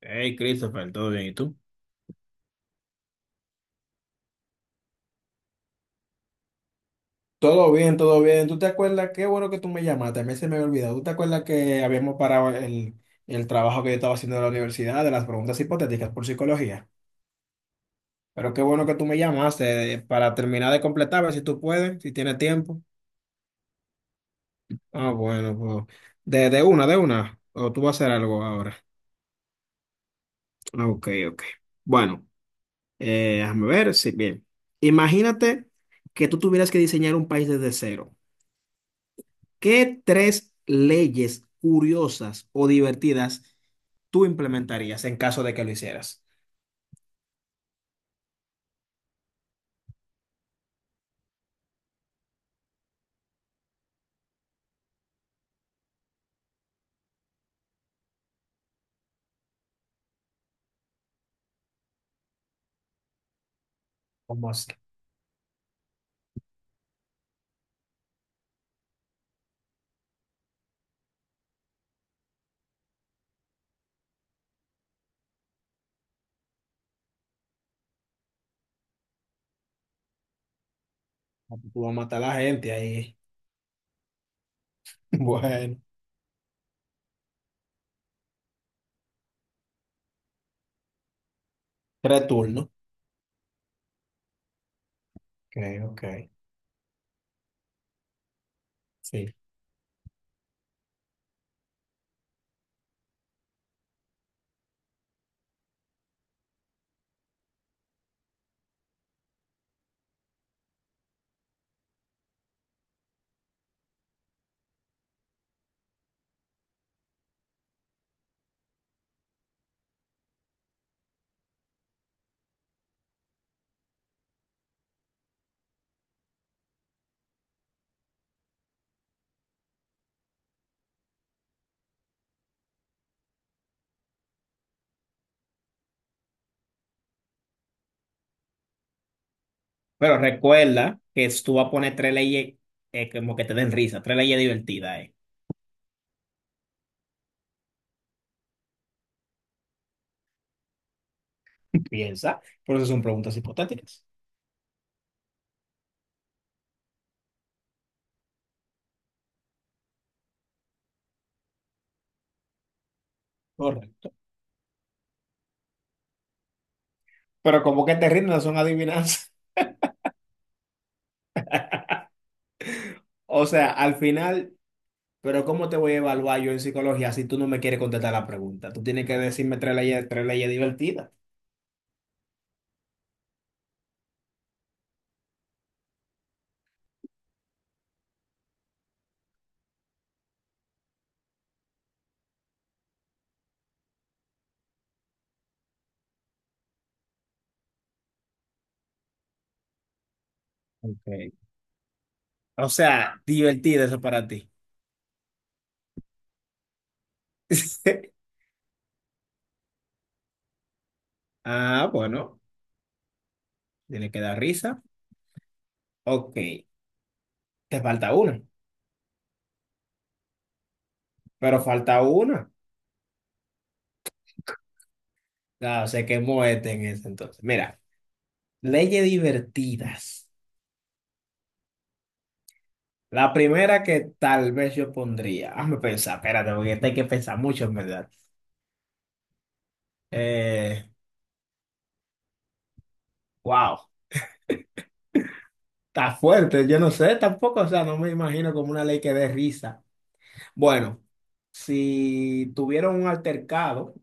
Hey, Christopher, ¿todo bien? ¿Y tú? Todo bien, todo bien. ¿Tú te acuerdas? Qué bueno que tú me llamaste. A mí se me había olvidado. ¿Tú te acuerdas que habíamos parado el trabajo que yo estaba haciendo en la universidad de las preguntas hipotéticas por psicología? Pero qué bueno que tú me llamaste para terminar de completar, a ver si tú puedes, si tienes tiempo. Ah, bueno, pues de una, de una. O tú vas a hacer algo ahora. Ah, ok, ok. Bueno, déjame ver. Sí, bien. Imagínate que tú tuvieras que diseñar un país desde cero. ¿Qué tres leyes curiosas o divertidas tú implementarías en caso de que lo hicieras? ¿Cómo así? Tú vas a matar a la gente ahí. Bueno, tres turnos. Ok, ok. Sí. Pero recuerda que tú vas a poner tres leyes como que te den risa, tres leyes divertidas. Piensa, por eso son preguntas hipotéticas. Correcto. Pero como que te rindas son adivinanzas. O sea, al final. Pero ¿cómo te voy a evaluar yo en psicología si tú no me quieres contestar la pregunta? Tú tienes que decirme tres leyes divertidas. Okay. O sea, divertido eso para ti. Ah, bueno, tiene que dar risa. Ok, te falta una, pero falta una. Claro, se quemó este en ese entonces. Mira, leyes divertidas. La primera que tal vez yo pondría, hazme pensar, espérate, porque esta hay que pensar mucho, en verdad. Eh, wow. Está fuerte, yo no sé tampoco, o sea, no me imagino como una ley que dé risa. Bueno, si tuvieron un altercado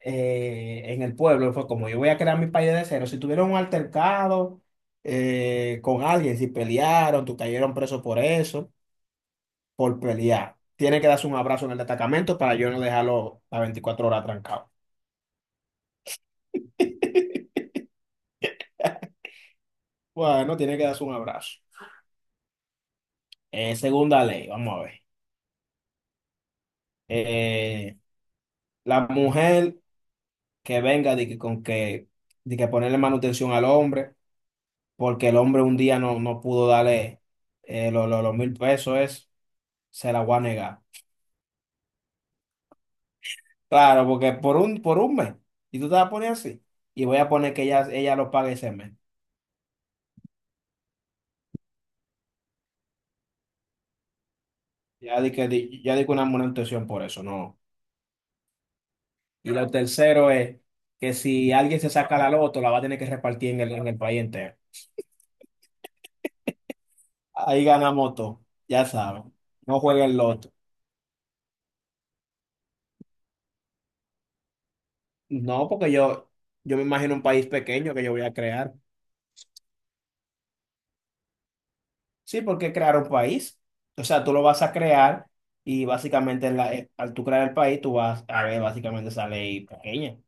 en el pueblo, fue como yo voy a crear mi país de cero, si tuvieron un altercado con alguien, si pelearon, tú cayeron preso por eso, por pelear, tiene que darse un abrazo en el destacamento para yo no dejarlo a 24 horas trancado. Bueno, tiene que darse un abrazo. Segunda ley, vamos a ver. Eh, la mujer que venga de que con que de que ponerle manutención al hombre, porque el hombre un día no pudo darle los 1000 pesos, se la voy a negar. Claro, porque por un mes, y tú te vas a poner así, y voy a poner que ella lo pague ese mes. Ya di que una manutención por eso, no. Y lo tercero es que si alguien se saca la loto, la va a tener que repartir en el país entero. Ahí ganamos todo, ya saben. No jueguen loto. No, porque yo me imagino un país pequeño que yo voy a crear. Sí, porque crear un país. O sea, tú lo vas a crear y básicamente al tú crear el país, tú vas a ver básicamente esa ley pequeña.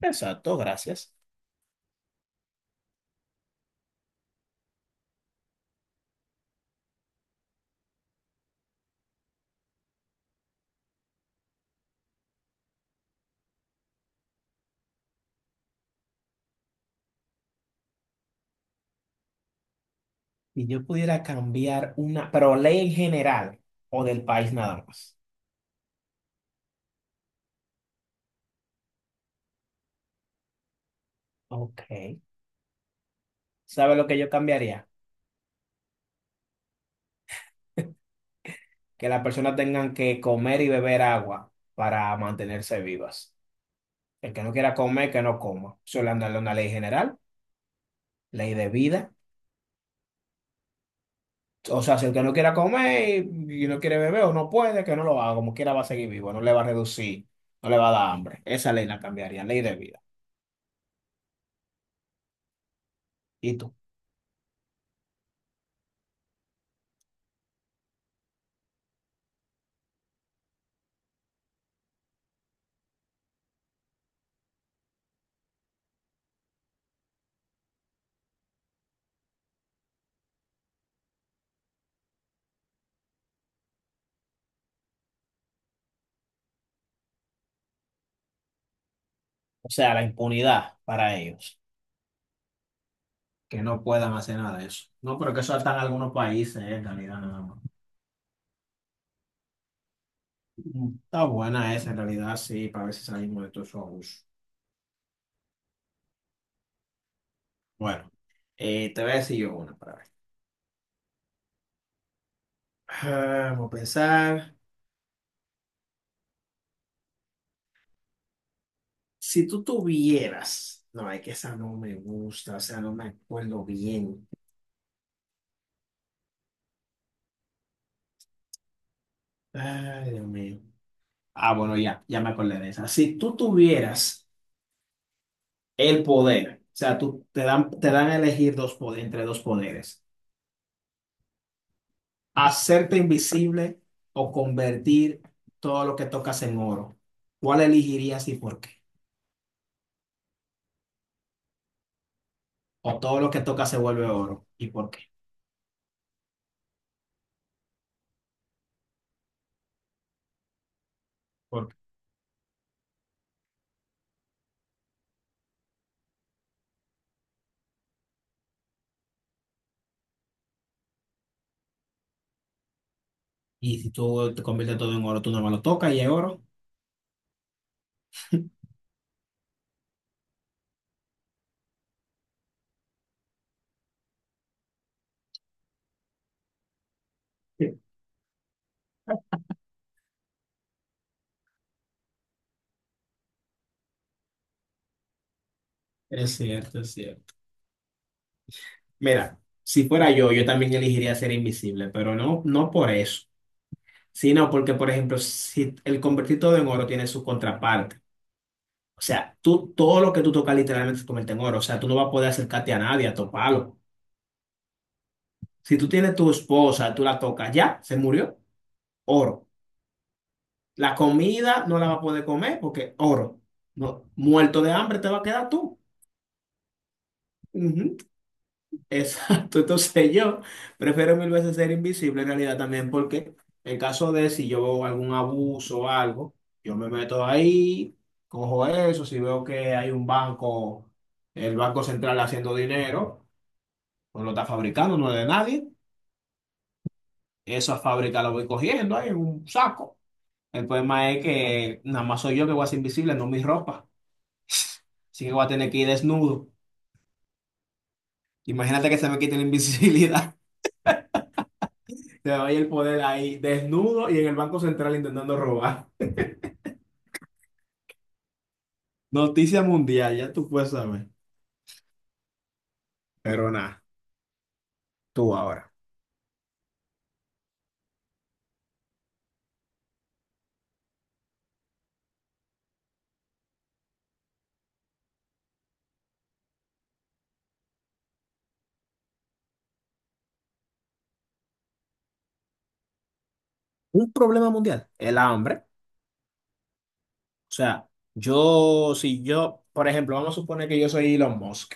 Exacto, gracias. Si yo pudiera cambiar una, pero ley en general o del país nada más. Ok. ¿Sabe lo que yo cambiaría? Que las personas tengan que comer y beber agua para mantenerse vivas. El que no quiera comer, que no coma. Solo andarle una ley general, ley de vida. O sea, si el que no quiera comer y no quiere beber o no puede, que no lo haga, como quiera va a seguir vivo, no le va a reducir, no le va a dar hambre. Esa ley la cambiaría, ley de vida. ¿Y tú? O sea, la impunidad para ellos, que no puedan hacer nada de eso. No, pero que eso está en algunos países, en realidad, nada más. Está buena esa, en realidad, sí, para ver si salimos de todos esos abusos. Bueno, te voy a decir yo una para ver. Ah, vamos a pensar, si tú tuvieras, no, es que esa no me gusta, o sea, no me acuerdo bien. Ay, Dios mío. Ah, bueno, ya, ya me acordé de esa. Si tú tuvieras el poder, o sea, tú te dan a elegir entre dos poderes, hacerte invisible o convertir todo lo que tocas en oro. ¿Cuál elegirías y por qué? O todo lo que tocas se vuelve oro y por qué. ¿Por- qué? Y si tú te conviertes todo en oro, tú nomás lo tocas y es oro. Sí. Es cierto, es cierto. Mira, si fuera yo, yo también elegiría ser invisible, pero no, no por eso. Sí, no, porque por ejemplo, si el convertir todo en oro tiene su contraparte. O sea, tú todo lo que tú tocas literalmente se convierte en oro. O sea, tú no vas a poder acercarte a nadie, a toparlo. Si tú tienes tu esposa, tú la tocas, ya, se murió, oro. La comida no la vas a poder comer porque oro. No, muerto de hambre te va a quedar tú. Ujú. Exacto, entonces yo prefiero mil veces ser invisible en realidad también porque en caso de si yo veo algún abuso o algo, yo me meto ahí, cojo eso, si veo que hay un banco, el Banco Central haciendo dinero, pues lo está fabricando, no es de nadie, esa fábrica la voy cogiendo ahí en un saco. El problema es que nada más soy yo que voy a ser invisible, no mi ropa, así que voy a tener que ir desnudo. Imagínate que se me quite la invisibilidad. Te doy el poder ahí, desnudo y en el Banco Central intentando robar. Noticia mundial, ya tú puedes saber. Pero nada, tú ahora. Un problema mundial, el hambre. O sea, si yo, por ejemplo, vamos a suponer que yo soy Elon Musk.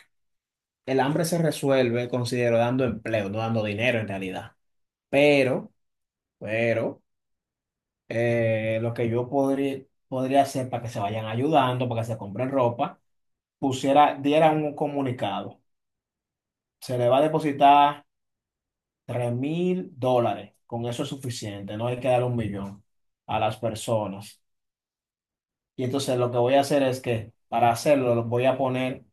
El hambre se resuelve, considero, dando empleo, no dando dinero en realidad. Pero, pero, lo que yo podría hacer para que se vayan ayudando, para que se compren ropa, pusiera, diera un comunicado. Se le va a depositar. $3000, con eso es suficiente, no hay que dar un millón a las personas. Y entonces lo que voy a hacer es que para hacerlo lo voy a poner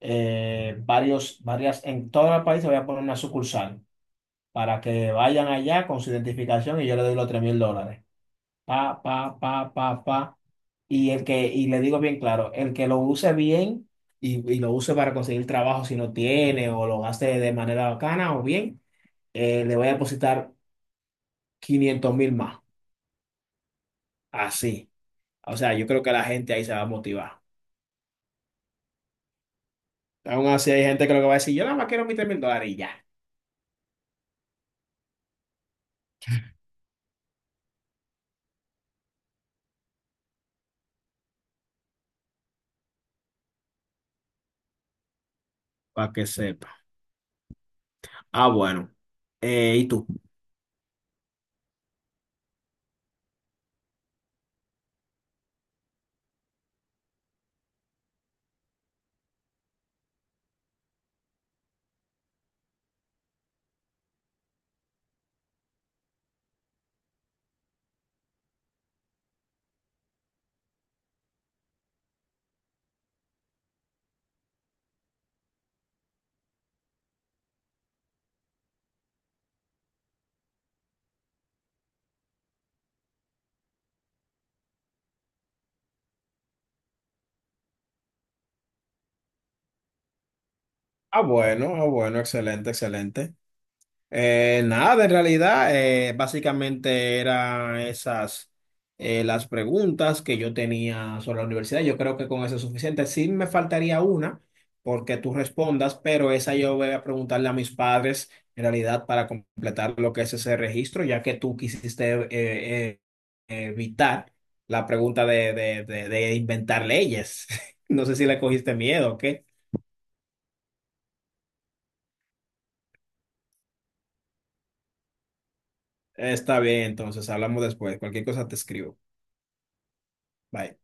varios, varias, en todo el país voy a poner una sucursal para que vayan allá con su identificación y yo le doy los $3000. Pa, pa, pa, pa, pa. Y le digo bien claro, el que lo use bien y lo use para conseguir trabajo si no tiene o lo gaste de manera bacana o bien, le voy a depositar. 500.000 más. Así. O sea, yo creo que la gente ahí se va a motivar. Aún así hay gente que lo que va a decir, yo nada más quiero mis 3 mil dólares y ya. Para que sepa. Ah, bueno. ¿Y tú? Ah, bueno, ah, bueno, excelente, excelente. Nada, en realidad, básicamente eran esas las preguntas que yo tenía sobre la universidad. Yo creo que con eso es suficiente. Sí me faltaría una porque tú respondas, pero esa yo voy a preguntarle a mis padres en realidad para completar lo que es ese registro, ya que tú quisiste evitar la pregunta de inventar leyes. No sé si le cogiste miedo o qué. Está bien, entonces hablamos después. Cualquier cosa te escribo. Bye.